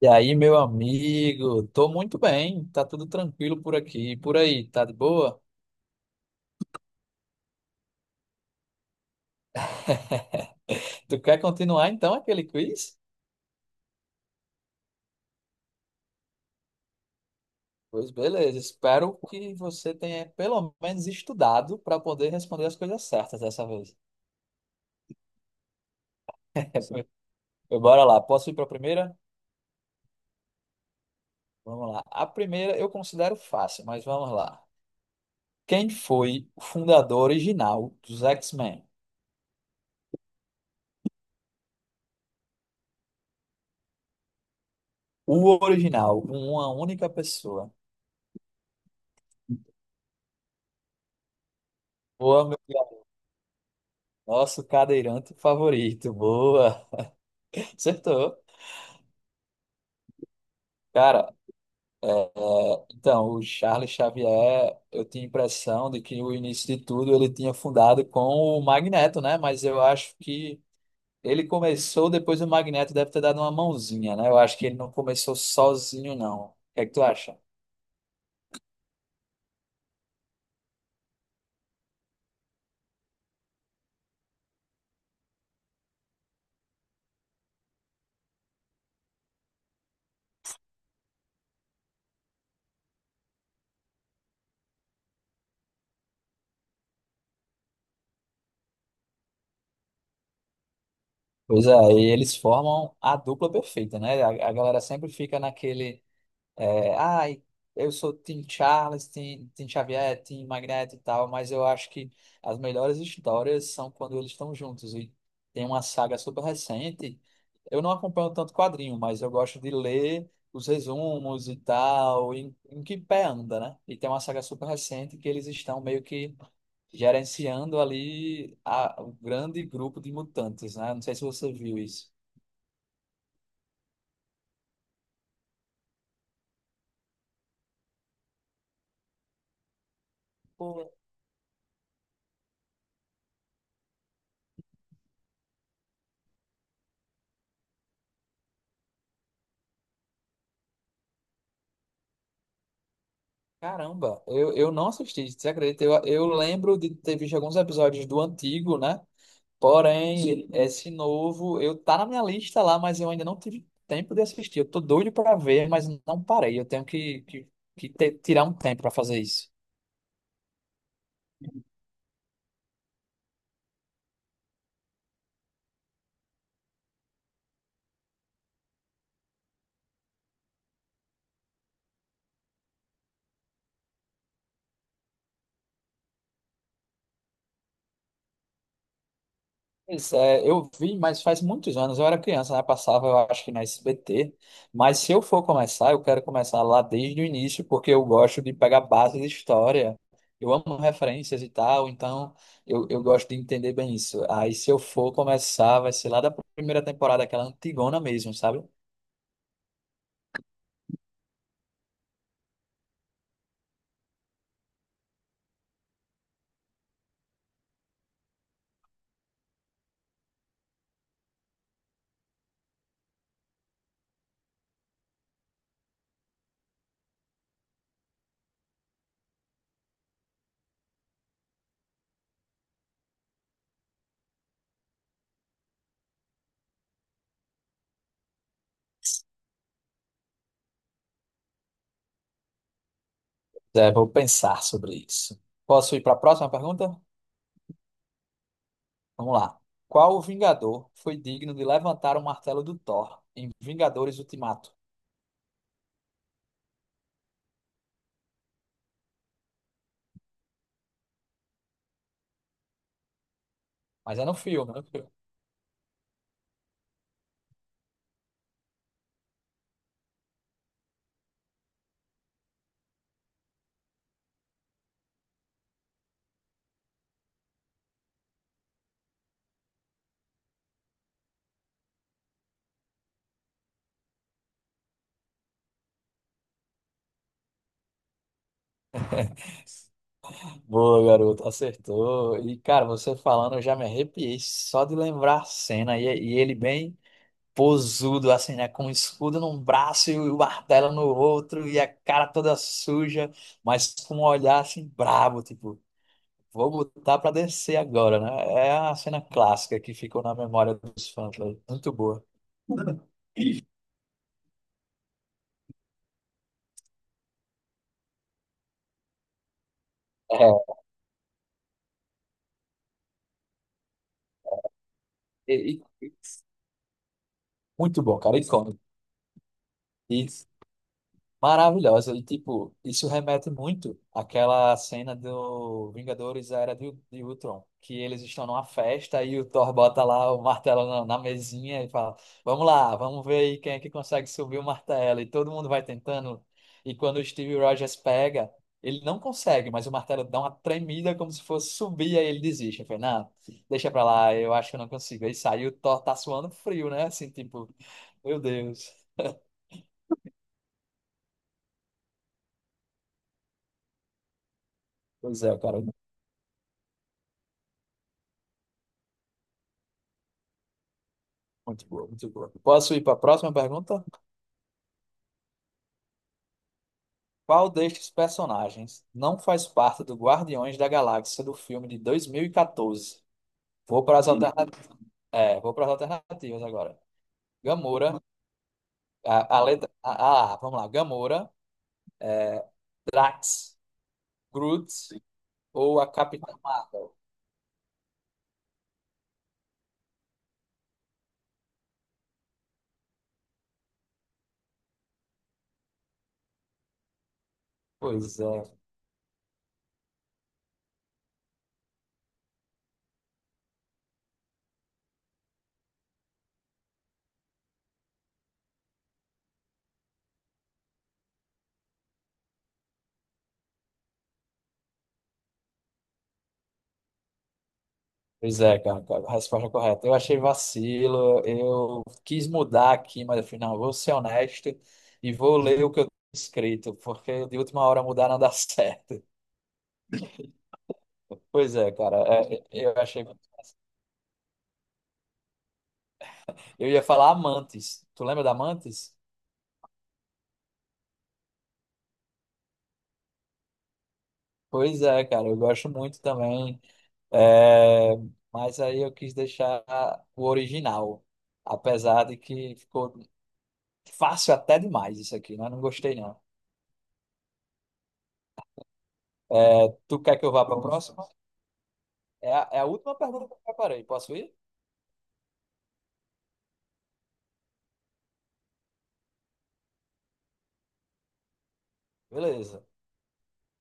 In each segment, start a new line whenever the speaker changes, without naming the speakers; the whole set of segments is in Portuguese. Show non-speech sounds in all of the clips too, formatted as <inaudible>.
E aí, meu amigo, tô muito bem, tá tudo tranquilo por aqui, e por aí, tá de boa? Tu quer continuar então aquele quiz? Pois beleza, espero que você tenha pelo menos estudado para poder responder as coisas certas dessa vez. <laughs> Bora lá, posso ir para a primeira? Vamos lá. A primeira eu considero fácil, mas vamos lá. Quem foi o fundador original dos X-Men? O original, uma única pessoa. Boa, meu nosso cadeirante favorito. Boa. <laughs> Acertou. Cara, então, o Charles Xavier, eu tinha a impressão de que o início de tudo ele tinha fundado com o Magneto, né? Mas eu acho que ele começou depois do Magneto, deve ter dado uma mãozinha, né? Eu acho que ele não começou sozinho, não. O que é que tu acha? Pois é, e eles formam a dupla perfeita, né? A galera sempre fica naquele. É, ai, eu sou Tim Charles, Tim Xavier, Tim Magneto e tal, mas eu acho que as melhores histórias são quando eles estão juntos. E tem uma saga super recente. Eu não acompanho tanto quadrinho, mas eu gosto de ler os resumos e tal, em que pé anda, né? E tem uma saga super recente que eles estão meio que gerenciando ali o grande grupo de mutantes, né? Não sei se você viu isso. Caramba, eu não assisti, você acredita? Eu lembro de ter visto alguns episódios do antigo, né? Porém, Sim. esse novo, eu tá na minha lista lá, mas eu ainda não tive tempo de assistir. Eu tô doido pra ver, mas não parei. Eu tenho que tirar um tempo pra fazer isso. Pois é, eu vi, mas faz muitos anos, eu era criança, né? Passava, eu acho que na SBT. Mas se eu for começar, eu quero começar lá desde o início, porque eu gosto de pegar base de história. Eu amo referências e tal, então eu gosto de entender bem isso. Aí se eu for começar, vai ser lá da primeira temporada, aquela antigona mesmo, sabe? É, vou pensar sobre isso. Posso ir para a próxima pergunta? Vamos lá. Qual Vingador foi digno de levantar o martelo do Thor em Vingadores Ultimato? Mas é no filme, né? Boa, garoto, acertou. E, cara, você falando, eu já me arrepiei só de lembrar a cena. E ele bem posudo, assim, né? Com o escudo num braço e o martelo no outro, e a cara toda suja, mas com um olhar assim brabo, tipo, vou botar pra descer agora, né? É a cena clássica que ficou na memória dos fãs, né? Muito boa. É, e- e- muito bom, cara, icônico. Maravilhosa. E, tipo, isso remete muito àquela cena do Vingadores Era de Ultron, que eles estão numa festa e o Thor bota lá o martelo na mesinha e fala: Vamos lá, vamos ver aí quem é que consegue subir o martelo. E todo mundo vai tentando. E quando o Steve Rogers pega, ele não consegue, mas o martelo dá uma tremida como se fosse subir, aí ele desiste. Eu falei: Não, deixa pra lá, eu acho que eu não consigo. Aí saiu, o Thor tá suando frio, né? Assim, tipo, meu Deus. Pois é, cara. Muito boa, muito boa. Posso ir para a próxima pergunta? Qual destes personagens não faz parte do Guardiões da Galáxia do filme de 2014? Vou para as alternativas. É, vou para as alternativas agora. Gamora, a letra. Ah, vamos lá. Gamora, Drax, Groot ou a Capitã Marvel? Pois é. Pois é, cara, a resposta é correta. Eu achei vacilo, eu quis mudar aqui, mas afinal, vou ser honesto e vou ler o que eu tenho escrito, porque de última hora mudar não dá <laughs> certo. Pois é, cara, é, eu achei muito fácil. Eu ia falar Amantes. Tu lembra da Amantes? Pois é, cara, eu gosto muito também, é, mas aí eu quis deixar o original, apesar de que ficou fácil até demais isso aqui, mas não gostei não. É, tu quer que eu vá para a próxima? É a última pergunta que eu preparei. Posso ir? Beleza.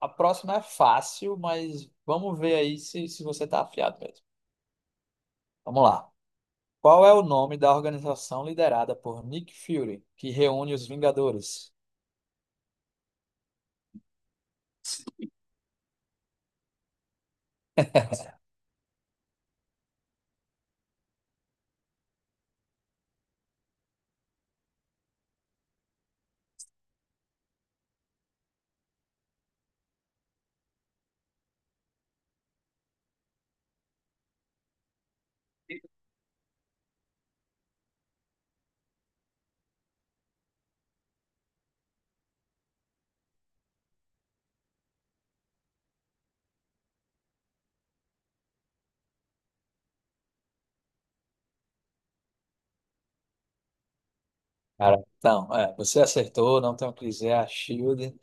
A próxima é fácil, mas vamos ver aí se você está afiado mesmo. Vamos lá. Qual é o nome da organização liderada por Nick Fury, que reúne os Vingadores? Cara, então, é, você acertou, não tenho o que dizer, a Shield.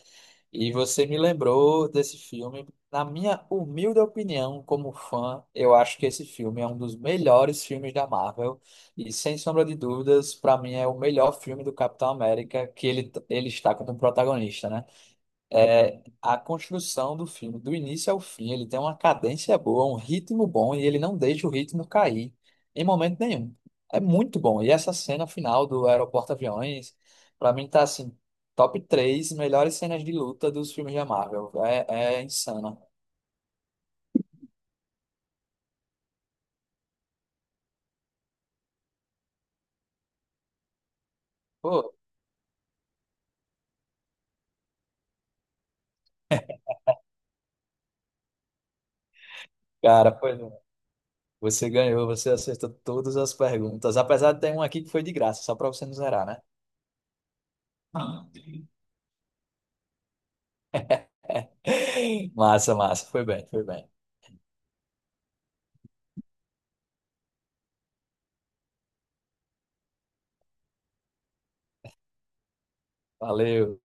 E você me lembrou desse filme. Na minha humilde opinião, como fã, eu acho que esse filme é um dos melhores filmes da Marvel. E sem sombra de dúvidas, para mim é o melhor filme do Capitão América que ele está como protagonista, né? É a construção do filme, do início ao fim. Ele tem uma cadência boa, um ritmo bom e ele não deixa o ritmo cair em momento nenhum. É muito bom. E essa cena final do Aeroporto Aviões, pra mim tá assim, top 3 melhores cenas de luta dos filmes da Marvel. É, é insana. Pô, cara, pois é. Você ganhou, você acertou todas as perguntas, apesar de ter uma aqui que foi de graça, só pra você não zerar, né? <laughs> Massa, massa, foi bem, foi bem. Valeu.